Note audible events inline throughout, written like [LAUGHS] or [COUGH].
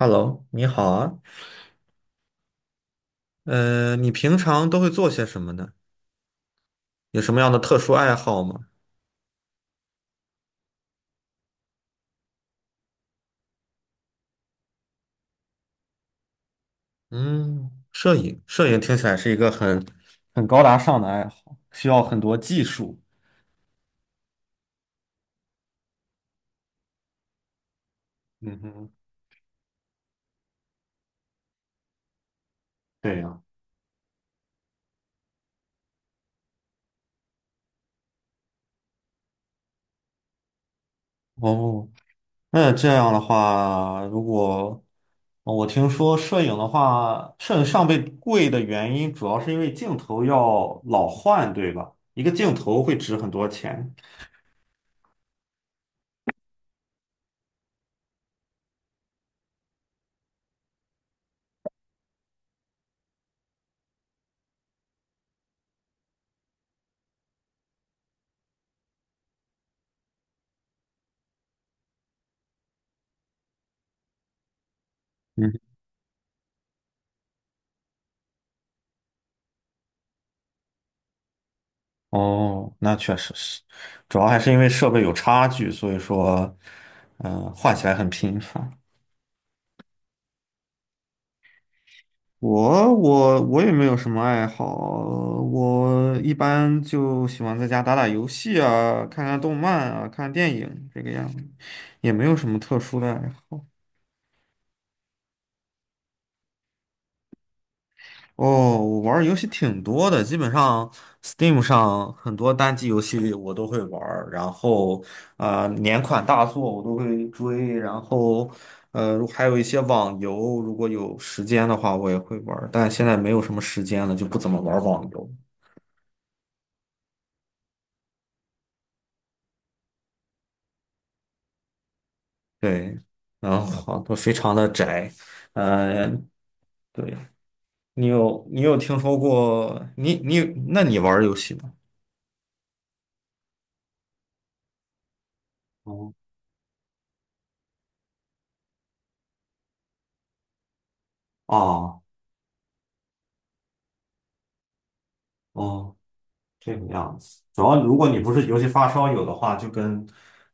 Hello，你好啊，你平常都会做些什么呢？有什么样的特殊爱好吗？嗯，摄影，摄影听起来是一个很高大上的爱好，需要很多技术。嗯哼，对呀。哦，那这样的话，哦我听说摄影的话，摄影上备贵的原因主要是因为镜头要老换，对吧？一个镜头会值很多钱。嗯。哦，那确实是，主要还是因为设备有差距，所以说，换起来很频繁。我也没有什么爱好，我一般就喜欢在家打打游戏啊，看看动漫啊，看电影这个样子，也没有什么特殊的爱好。哦，我玩儿游戏挺多的，基本上 Steam 上很多单机游戏我都会玩儿，然后年款大作我都会追，然后还有一些网游，如果有时间的话我也会玩儿，但现在没有什么时间了，就不怎么玩儿网游。对，然后都非常的宅，呃，对，你有你有听说过你你那你玩儿游戏吗？哦哦哦，这个样子，主要如果你不是游戏发烧友的话，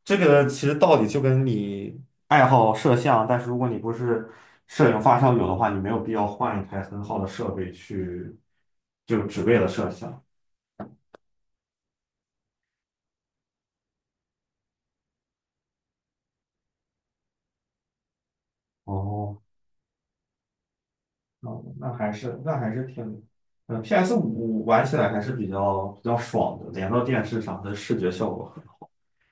这个其实道理就跟你爱好摄像，但是如果你不是摄影发烧友的话，你没有必要换一台很好的设备去，就只为了摄像。哦，那那还是那还是挺，呃，PS 五玩起来还是比较爽的，连到电视上，它的视觉效果。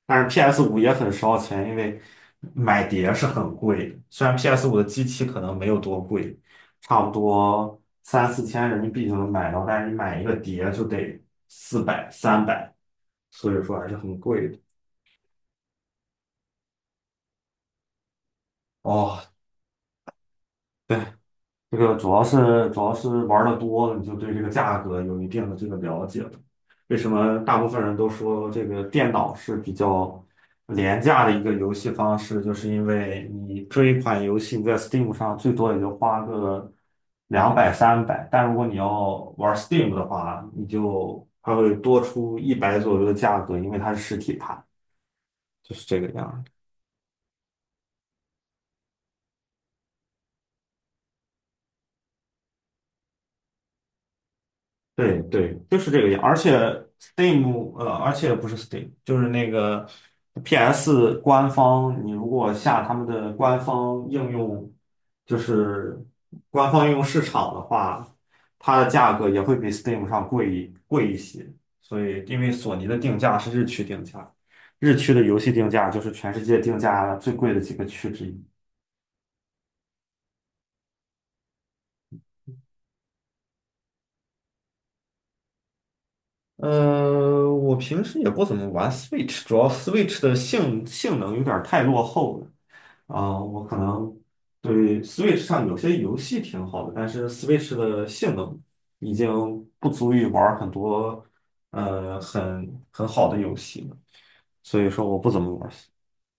但是 PS 五也很烧钱，因为买碟是很贵的。虽然 PS 五的机器可能没有多贵，差不多3、4千人民币就能买到，但是你买一个碟就得400、三百，所以说还是很贵的。哦，对。这个主要是玩的多了你就对这个价格有一定的这个了解了。为什么大部分人都说这个电脑是比较廉价的一个游戏方式，就是因为你这一款游戏你在 Steam 上最多也就花个200三百，但如果你要玩 Steam 的话，你就它会多出100左右的价格，因为它是实体盘，就是这个样儿。对对，就是这个样。而且 Steam，而且不是 Steam，就是那个 PS 官方，你如果下他们的官方应用，就是官方应用市场的话，它的价格也会比 Steam 上贵一些。所以，因为索尼的定价是日区定价，日区的游戏定价就是全世界定价最贵的几个区之一。我平时也不怎么玩 Switch，主要 Switch 的性能有点儿太落后了。啊、我可能对 Switch 上有些游戏挺好的，但是 Switch 的性能已经不足以玩儿很多很好的游戏了，所以说我不怎么玩儿。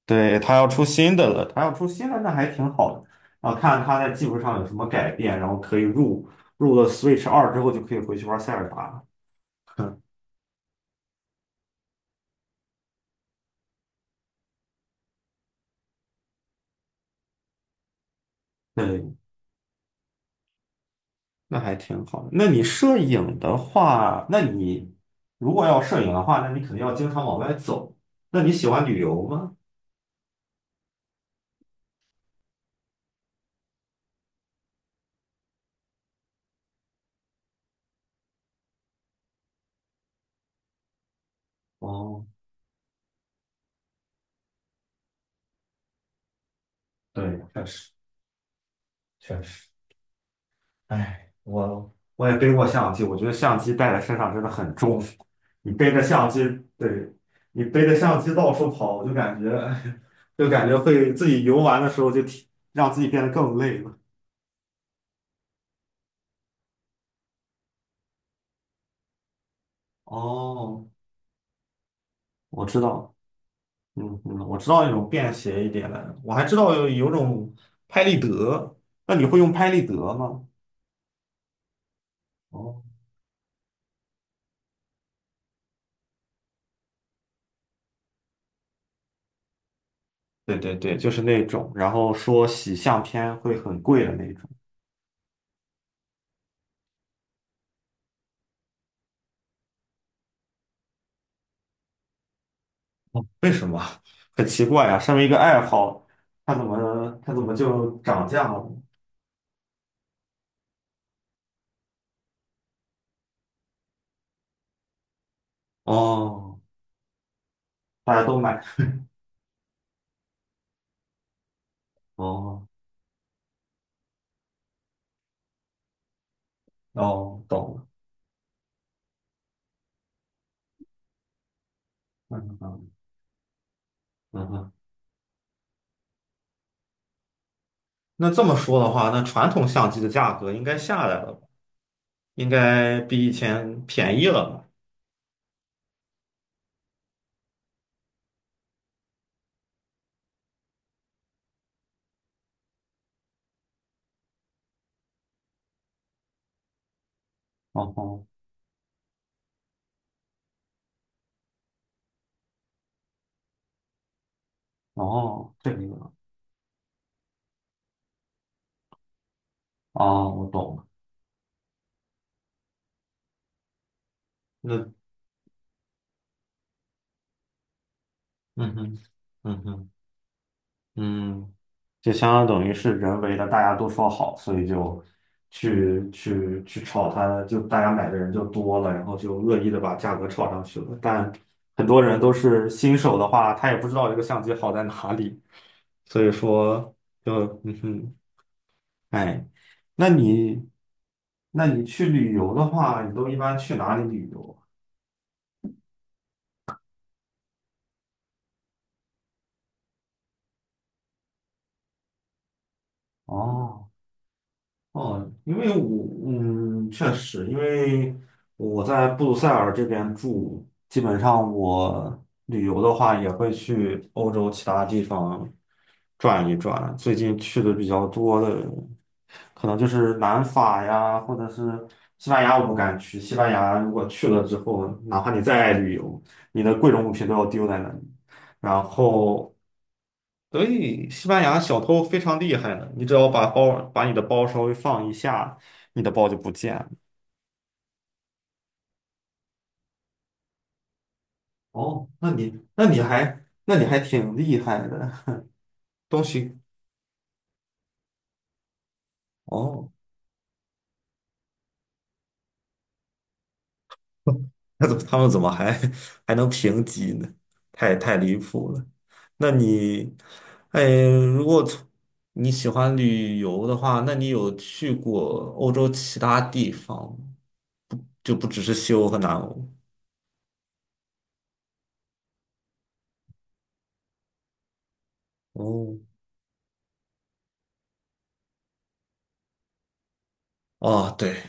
对，它要出新的了，它要出新的那还挺好的。啊，看它在技术上有什么改变，然后可以入了 Switch 2之后就可以回去玩塞尔达。[LAUGHS] 对，那还挺好的。那你摄影的话，那你如果要摄影的话，那你肯定要经常往外走。那你喜欢旅游吗？哦，对，确实确实，哎，我也背过相机，我觉得相机带在身上真的很重。你背着相机，对，你背着相机到处跑，我就感觉 [LAUGHS]，就感觉会自己游玩的时候就挺让自己变得更累了。哦，我知道，嗯嗯，我知道那种便携一点的，我还知道有种拍立得，那你会用拍立得吗？哦，对对对，就是那种，然后说洗相片会很贵的那种，哦为什么？很奇怪啊，身为一个爱好，它怎么就涨价了？哦，大家都买，哦哦，懂了，嗯嗯嗯哼。那这么说的话，那传统相机的价格应该下来了吧？应该比以前便宜了吧？哦哦哦，这个样哦，我懂了。那嗯哼，嗯哼，嗯，就相当等于是人为的，大家都说好，所以就去炒它，就大家买的人就多了，然后就恶意的把价格炒上去了。但很多人都是新手的话，他也不知道这个相机好在哪里，所以说就嗯哼，哎，那你那你去旅游的话，你都一般去哪里旅游啊？哦。哦，因为我确实，因为我在布鲁塞尔这边住，基本上我旅游的话也会去欧洲其他地方转一转。最近去的比较多的，可能就是南法呀，或者是西班牙，我不敢去。西班牙如果去了之后，哪怕你再爱旅游，你的贵重物品都要丢在那里。然后所以西班牙小偷非常厉害的，你只要把包把你的包稍微放一下，你的包就不见了。哦，那你还挺厉害的，[LAUGHS] 东西哦，[LAUGHS] 那怎么他们怎么还 [LAUGHS] 还能评级呢？太离谱了。那你，哎，如果从你喜欢旅游的话，那你有去过欧洲其他地方吗？就不只是西欧和南欧。哦，哦，对，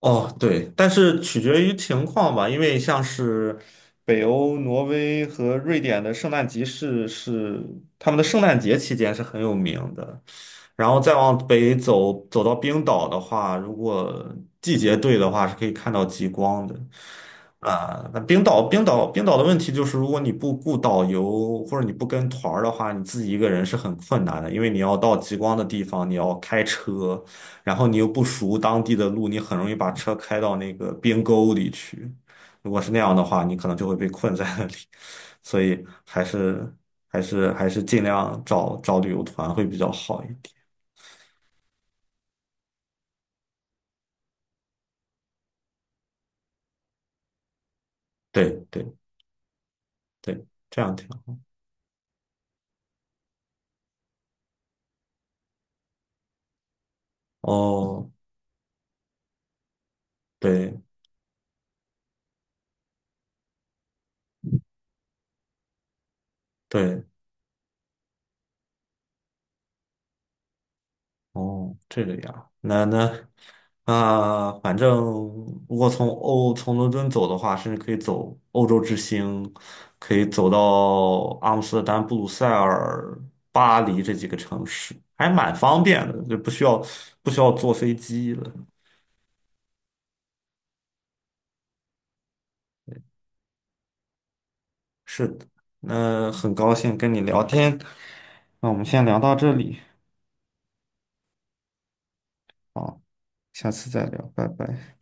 哦，对，但是取决于情况吧，因为像是北欧、挪威和瑞典的圣诞集市是他们的圣诞节期间是很有名的，然后再往北走，走到冰岛的话，如果季节对的话，是可以看到极光的。啊，那冰岛的问题就是，如果你不雇导游或者你不跟团儿的话，你自己一个人是很困难的，因为你要到极光的地方，你要开车。然后你又不熟当地的路，你很容易把车开到那个边沟里去。如果是那样的话，你可能就会被困在那里。所以还是尽量找找旅游团会比较好一点。对对对，这样挺好。哦，对对。哦，这个呀，那那啊，反正如果从伦敦走的话，甚至可以走欧洲之星，可以走到阿姆斯特丹、布鲁塞尔、巴黎这几个城市，还蛮方便的，就不需要坐飞机了。是的，那很高兴跟你聊天，那我们先聊到这里，好，下次再聊，拜拜。